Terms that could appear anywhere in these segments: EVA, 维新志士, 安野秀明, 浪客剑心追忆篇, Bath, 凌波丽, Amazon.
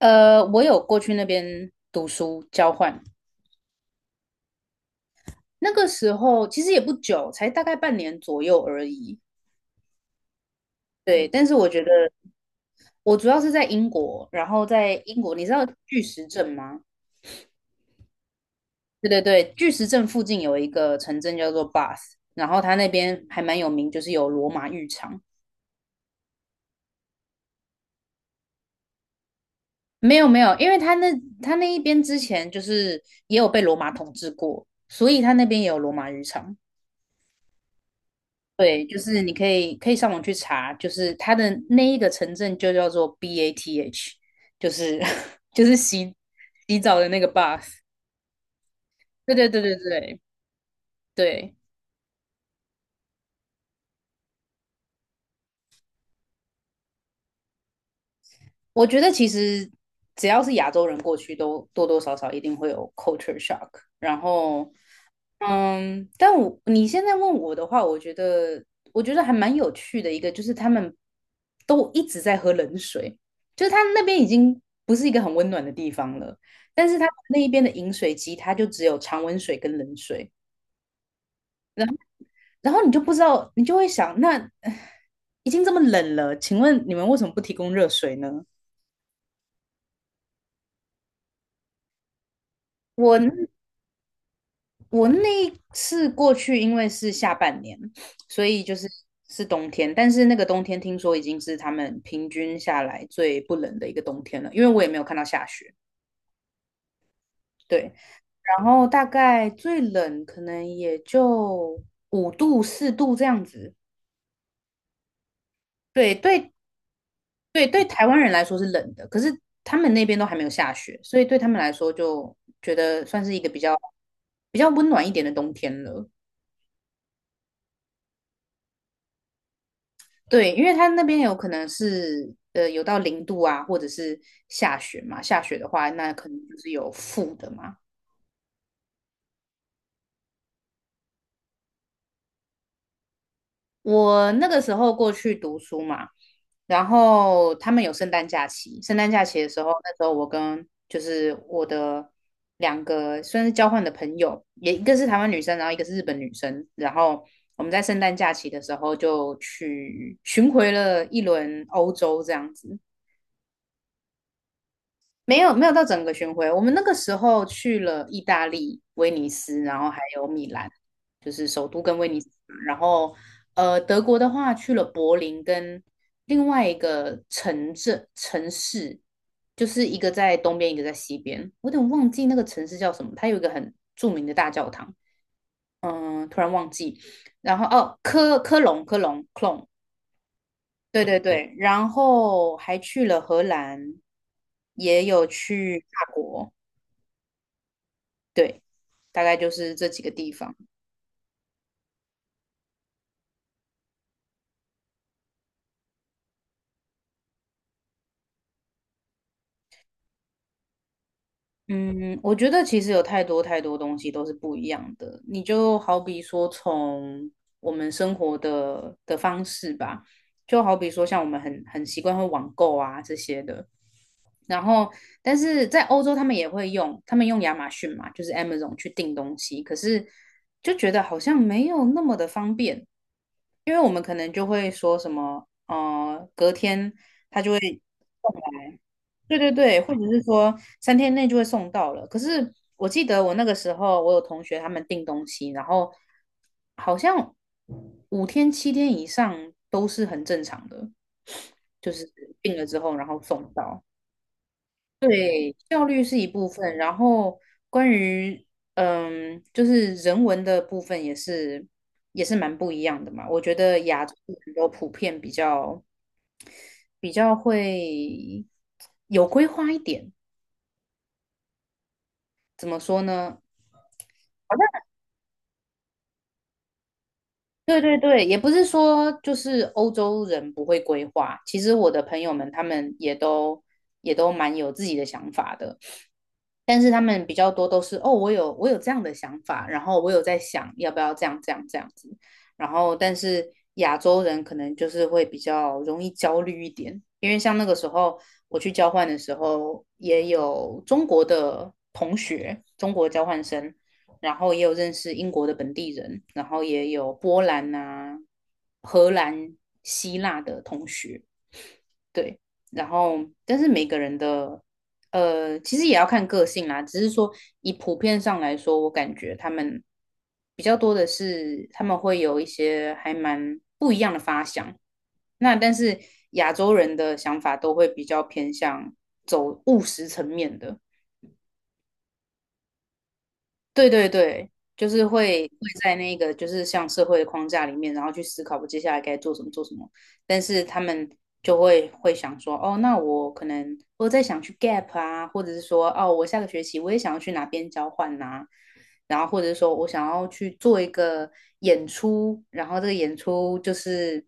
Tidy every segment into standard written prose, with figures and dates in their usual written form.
我有过去那边读书交换，那个时候其实也不久，才大概半年左右而已。对，但是我觉得我主要是在英国，然后在英国，你知道巨石阵吗？对对对，巨石阵附近有一个城镇叫做 Bath，然后它那边还蛮有名，就是有罗马浴场。没有没有，因为它那一边之前就是也有被罗马统治过，所以它那边也有罗马浴场。对，就是你可以上网去查，就是它的那一个城镇就叫做 BATH，就是 就是洗澡的那个 bath。对对对对对对，我觉得其实只要是亚洲人过去都多多少少一定会有 culture shock，然后但你现在问我的话，我觉得还蛮有趣的一个，就是他们都一直在喝冷水，就是他那边已经不是一个很温暖的地方了，但是他们那一边的饮水机，它就只有常温水跟冷水，然后你就不知道，你就会想，那 唉已经这么冷了，请问你们为什么不提供热水呢？我那我那一次过去，因为是下半年，所以就是冬天，但是那个冬天听说已经是他们平均下来最不冷的一个冬天了，因为我也没有看到下雪。对，然后大概最冷可能也就5度、4度这样子。对，对，对，对，台湾人来说是冷的，可是他们那边都还没有下雪，所以对他们来说就觉得算是一个比较温暖一点的冬天了。对，因为它那边有可能是有到0度啊，或者是下雪嘛。下雪的话，那可能就是有负的嘛。我那个时候过去读书嘛，然后他们有圣诞假期，圣诞假期的时候，那时候我跟就是我的2个算是交换的朋友，也一个是台湾女生，然后一个是日本女生，然后我们在圣诞假期的时候就去巡回了一轮欧洲这样子。没有没有到整个巡回，我们那个时候去了意大利、威尼斯，然后还有米兰，就是首都跟威尼斯嘛然后德国的话去了柏林跟另外一个城市，就是一个在东边，一个在西边。我有点忘记那个城市叫什么，它有一个很著名的大教堂，突然忘记。然后哦，科隆 Colone 对对对，然后还去了荷兰，也有去法国。对，大概就是这几个地方。嗯，我觉得其实有太多太多东西都是不一样的。你就好比说，从我们生活的方式吧，就好比说像我们很习惯会网购啊这些的。然后，但是在欧洲他们也会用，他们用亚马逊嘛，就是 Amazon 去订东西，可是就觉得好像没有那么的方便，因为我们可能就会说什么，隔天他就会送来。对对对，或者是说3天内就会送到了。可是我记得我那个时候，我有同学他们订东西，然后好像5天7天以上都是很正常的，就是订了之后然后送到。对，效率是一部分，然后关于就是人文的部分也是蛮不一样的嘛。我觉得亚洲人都普遍比较会有规划一点，怎么说呢？好像。对对对，也不是说就是欧洲人不会规划，其实我的朋友们他们也都蛮有自己的想法的。但是他们比较多都是哦，我有这样的想法，然后我有在想要不要这样这样这样子，然后但是亚洲人可能就是会比较容易焦虑一点，因为像那个时候我去交换的时候，也有中国的同学，中国交换生，然后也有认识英国的本地人，然后也有波兰啊、荷兰、希腊的同学，对，然后但是每个人的其实也要看个性啦。只是说以普遍上来说，我感觉他们比较多的是他们会有一些还蛮不一样的发想。那但是亚洲人的想法都会比较偏向走务实层面的，对对对，就是会在那个就是像社会的框架里面，然后去思考我接下来该做什么做什么。但是他们就会想说，哦，那我可能我在想去 gap 啊，或者是说，哦，我下个学期我也想要去哪边交换呐、然后或者是说我想要去做一个演出，然后这个演出就是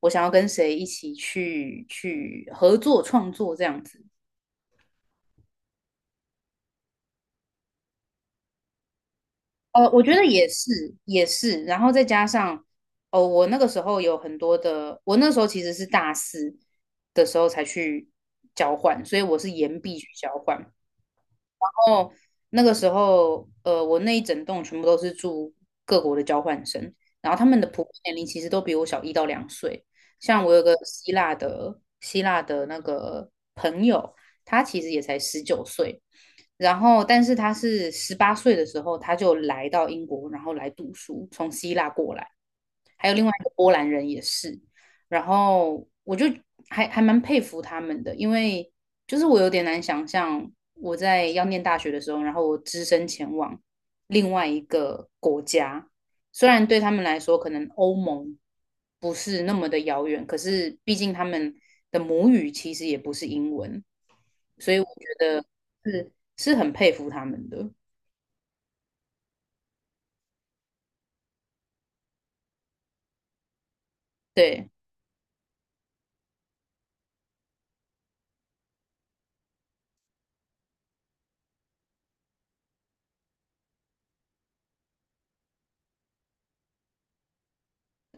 我想要跟谁一起去合作创作这样子。我觉得也是，也是，然后再加上，哦，我那个时候有很多的，我那时候其实是大四的时候才去交换，所以我是延毕去交换，后那个时候，我那一整栋全部都是住各国的交换生，然后他们的普遍年龄其实都比我小1到2岁。像我有个希腊的那个朋友，他其实也才19岁，然后但是他是18岁的时候他就来到英国，然后来读书，从希腊过来。还有另外一个波兰人也是，然后我就还蛮佩服他们的，因为就是我有点难想象我在要念大学的时候，然后我只身前往另外一个国家，虽然对他们来说可能欧盟不是那么的遥远，可是毕竟他们的母语其实也不是英文，所以我觉得是是很佩服他们的。对，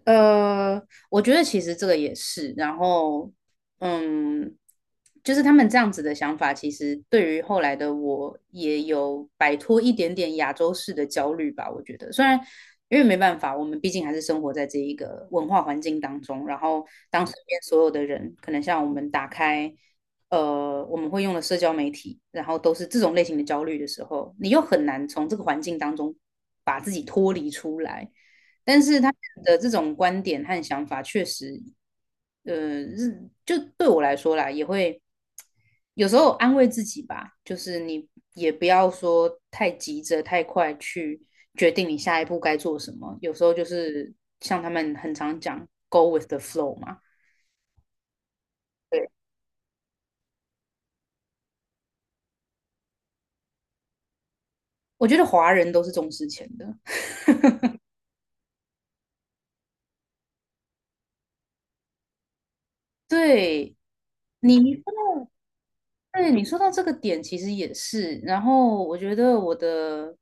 呃，我觉得其实这个也是，然后，嗯，就是他们这样子的想法，其实对于后来的我也有摆脱一点点亚洲式的焦虑吧。我觉得，虽然因为没办法，我们毕竟还是生活在这一个文化环境当中，然后当身边所有的人，可能像我们打开，我们会用的社交媒体，然后都是这种类型的焦虑的时候，你又很难从这个环境当中把自己脱离出来。但是他们的这种观点和想法确实，就对我来说啦，也会有时候安慰自己吧，就是你也不要说太急着、太快去决定你下一步该做什么。有时候就是像他们很常讲 "go with the flow" 嘛，我觉得华人都是重视钱的。对你，对，你说到这个点，其实也是。然后我觉得我的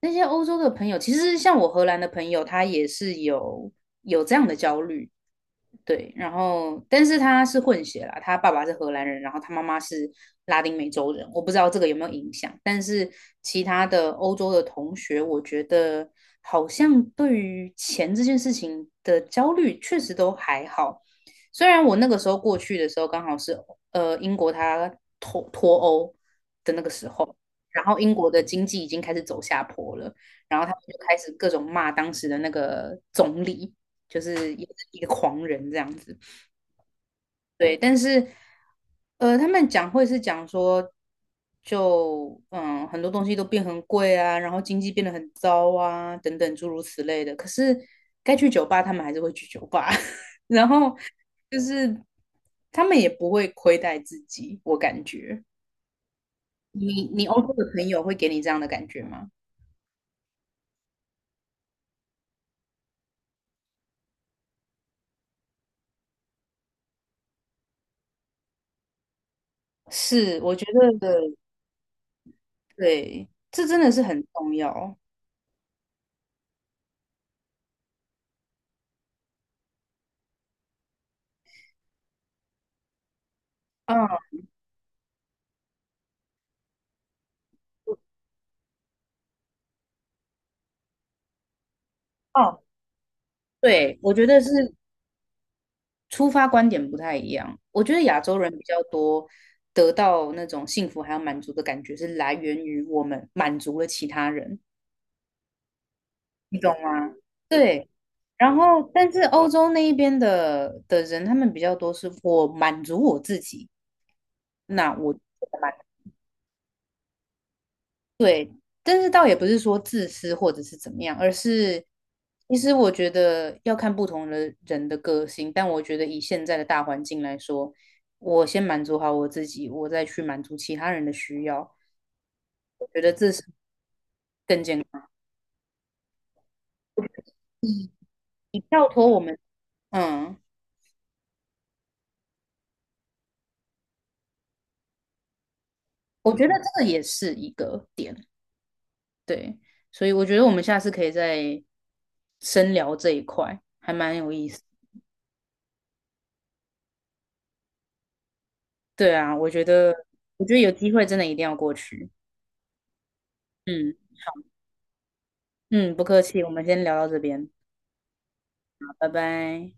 那些欧洲的朋友，其实像我荷兰的朋友，他也是有这样的焦虑。对，然后但是他是混血啦，他爸爸是荷兰人，然后他妈妈是拉丁美洲人，我不知道这个有没有影响，但是其他的欧洲的同学，我觉得好像对于钱这件事情的焦虑确实都还好，虽然我那个时候过去的时候刚好是英国他脱欧的那个时候，然后英国的经济已经开始走下坡了，然后他们就开始各种骂当时的那个总理，就是也是一个狂人这样子。对，但是他们讲会是讲说，就很多东西都变很贵啊，然后经济变得很糟啊，等等诸如此类的。可是该去酒吧，他们还是会去酒吧，然后就是他们也不会亏待自己，我感觉。你欧洲的朋友会给你这样的感觉吗？是，我觉得对，这真的是很重要。嗯，哦，对，我觉得是出发观点不太一样。我觉得亚洲人比较多得到那种幸福还有满足的感觉，是来源于我们满足了其他人，你懂吗？对。然后，但是欧洲那一边的人，他们比较多是我满足我自己，那我。对，但是倒也不是说自私或者是怎么样，而是其实我觉得要看不同的人的个性。但我觉得以现在的大环境来说，我先满足好我自己，我再去满足其他人的需要，我觉得这是更健康。你跳脱我们，嗯，我觉得这个也是一个点，对，所以我觉得我们下次可以再深聊这一块，还蛮有意思。对啊，我觉得，我觉得有机会真的一定要过去，嗯。嗯，不客气，我们先聊到这边，好拜拜。